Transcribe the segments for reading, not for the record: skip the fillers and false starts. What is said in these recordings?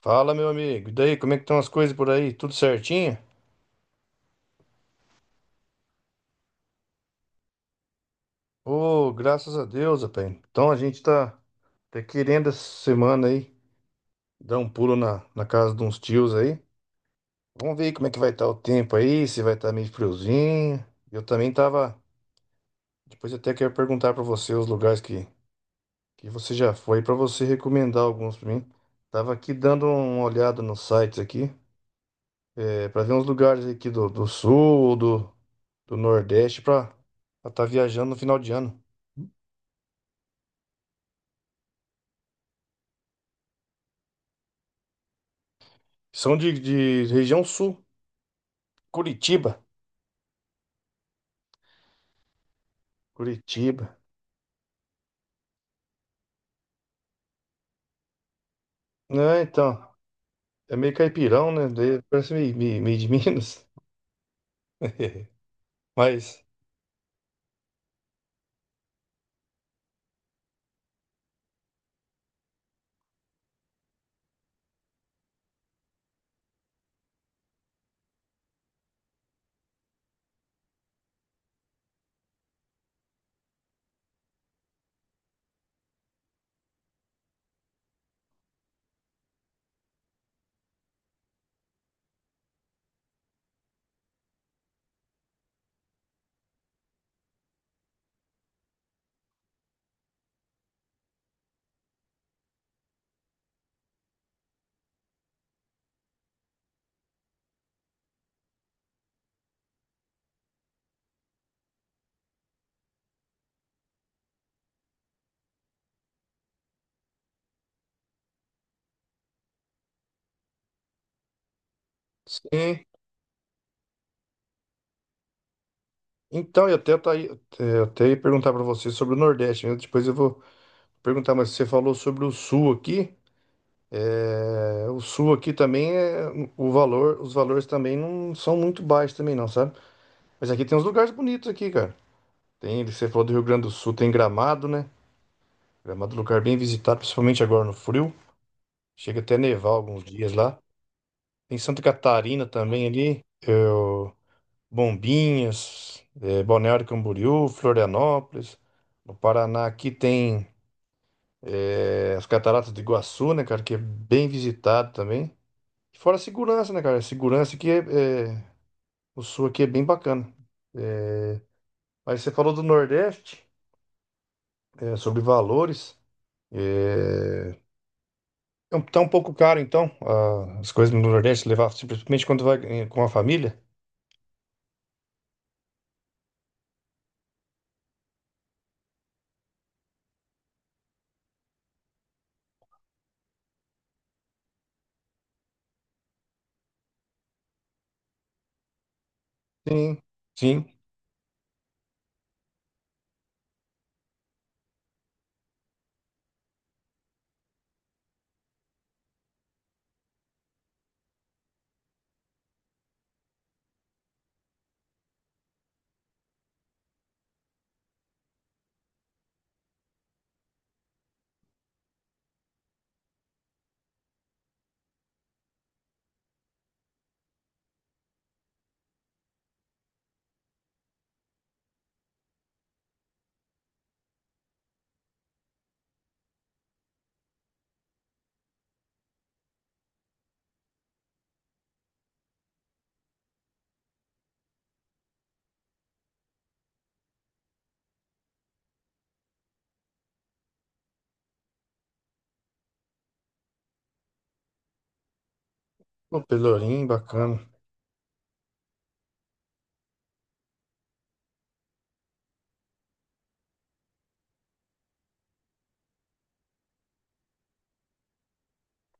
Fala, meu amigo. E daí, como é que estão as coisas por aí? Tudo certinho? Ô, graças a Deus, rapaz. Então a gente tá querendo essa semana aí dar um pulo na casa de uns tios aí. Vamos ver como é que vai estar o tempo aí, se vai estar meio friozinho. Eu também tava. Depois eu até quero perguntar pra você os lugares que você já foi, pra você recomendar alguns pra mim. Tava aqui dando uma olhada nos sites aqui, para ver uns lugares aqui do sul, do nordeste, pra estar viajando no final de ano. São de região sul, Curitiba. Curitiba. Não, então, é meio caipirão, né? Daí parece meio de Minas. Mas, sim. Então, eu até, tá aí- eu até ia perguntar para você sobre o Nordeste, né? Depois eu vou perguntar, mas você falou sobre o Sul aqui. É, o Sul aqui também é o valor, os valores também não são muito baixos também não, sabe? Mas aqui tem uns lugares bonitos aqui, cara. Tem, você falou do Rio Grande do Sul, tem Gramado, né? Gramado é um lugar bem visitado, principalmente agora no frio. Chega até a nevar alguns dias lá. Em Santa Catarina também ali, eu, Bombinhas, Balneário Camboriú, Florianópolis. No Paraná aqui tem as Cataratas do Iguaçu, né, cara, que é bem visitado também. E fora a segurança, né, cara? A segurança aqui é, é- O sul aqui é bem bacana. Aí você falou do Nordeste, sobre valores. Eh, tá um pouco caro, então, as coisas no Nordeste levar simplesmente quando vai com a família? Sim, sim. O Pelourinho, bacana.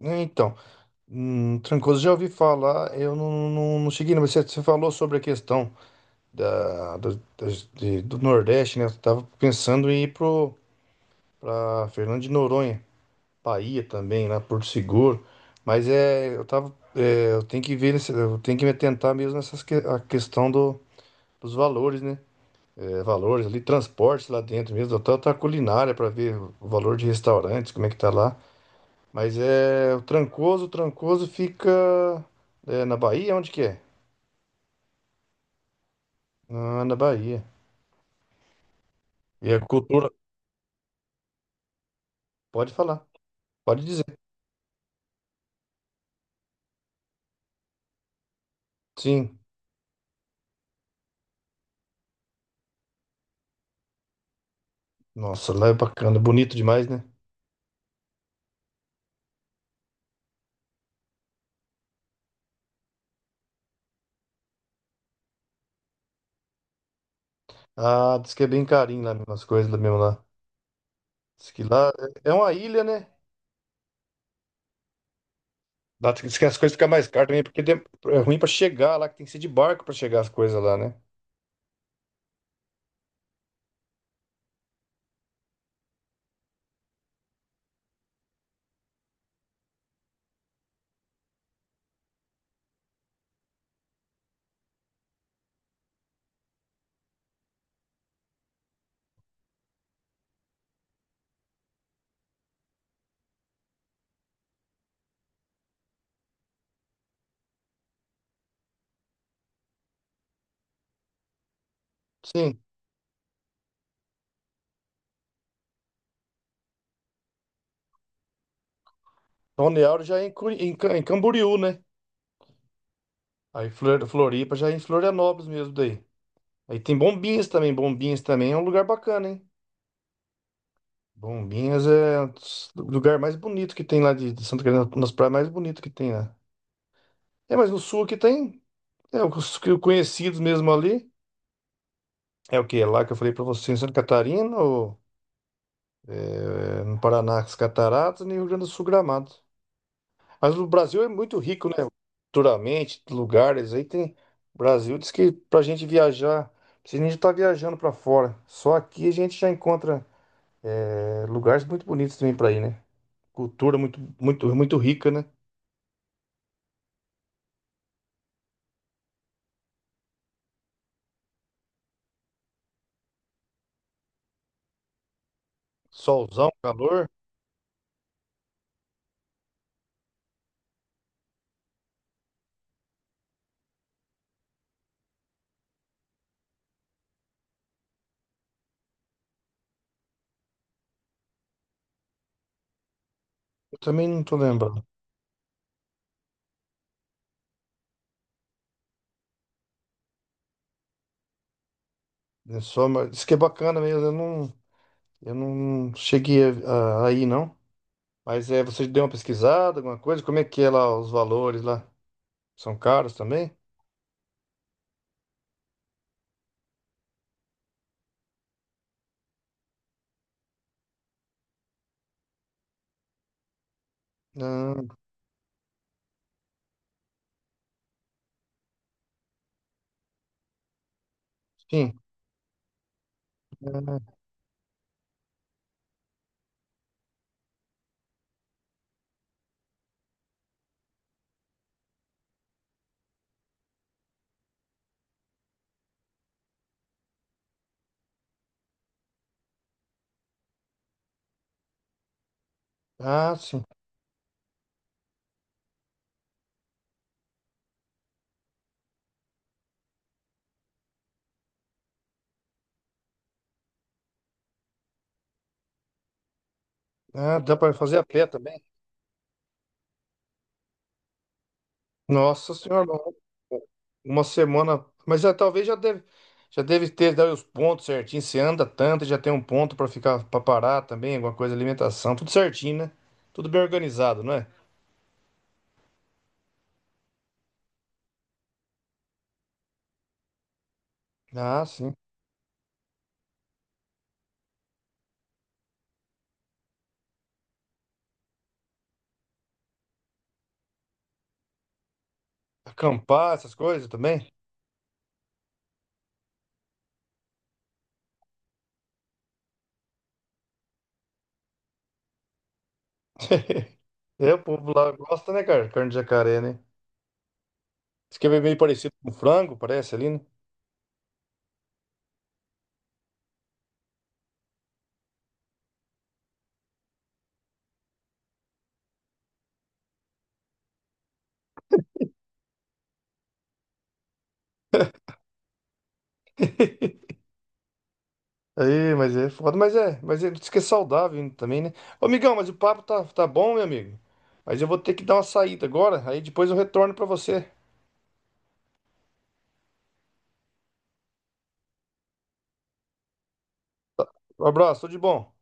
É, então, Trancoso já ouvi falar, eu não cheguei, mas você falou sobre a questão da, do, das- de- do Nordeste, né? Eu tava pensando pra Fernando de Noronha, Bahia também, lá Porto Seguro, mas eu tenho que ver, eu tenho que me atentar mesmo nessas que, a questão do, dos valores, né? É, valores ali, transportes lá dentro mesmo, até outra culinária para ver o valor de restaurantes, como é que tá lá. Mas é o Trancoso fica na Bahia? Onde que é? Ah, na Bahia. E a cultura? Pode falar, pode dizer. Sim. Nossa, lá é bacana, bonito demais, né? Ah, diz que é bem carinho lá mesmo, as coisas lá mesmo lá. Diz que lá é uma ilha, né? Lá diz que as coisas ficam mais caras também, é ruim pra chegar lá, que tem que ser de barco pra chegar as coisas lá, né? Sim. Balneário já é em Camboriú, né? Aí Floripa já é em Florianópolis mesmo daí. Aí tem Bombinhas também. Bombinhas também é um lugar bacana, hein? Bombinhas é o lugar mais bonito que tem lá de Santa Catarina, nas praias mais bonitas que tem lá. É, mas no sul aqui tem. É, os que eu conhecidos mesmo ali. É o que? É lá que eu falei pra você, em Santa Catarina, ou no Paraná, as Cataratas, e no Rio Grande do Sul, Gramado. Mas o Brasil é muito rico, né? Culturalmente, lugares aí tem. O Brasil diz que pra gente viajar, precisa nem estar viajando pra fora. Só aqui a gente já encontra lugares muito bonitos também pra ir, né? Cultura muito rica, né? Solzão, calor. Eu também não tô lembrando. É só, mas diz que é bacana mesmo. Eu não cheguei a ir, não. Mas é, você deu uma pesquisada, alguma coisa? Como é que é lá os valores lá? São caros também? Ah, sim. Ah, sim. Ah, dá para fazer a pé também. Nossa senhora, um, uma semana. Mas já, já deve ter dado os pontos certinho. Você anda tanto, já tem um ponto para ficar para parar também, alguma coisa, alimentação, tudo certinho, né? Tudo bem organizado, não é? Ah, sim. Acampar, essas coisas também. É, o povo lá gosta, né, cara? Carne de jacaré, né? Diz que é meio parecido com frango, parece ali, né? Aí, mas é foda, diz que é saudável também, né? Ô, amigão, mas o papo tá bom, meu amigo. Mas eu vou ter que dar uma saída agora, aí depois eu retorno pra você. Um abraço, tudo de bom.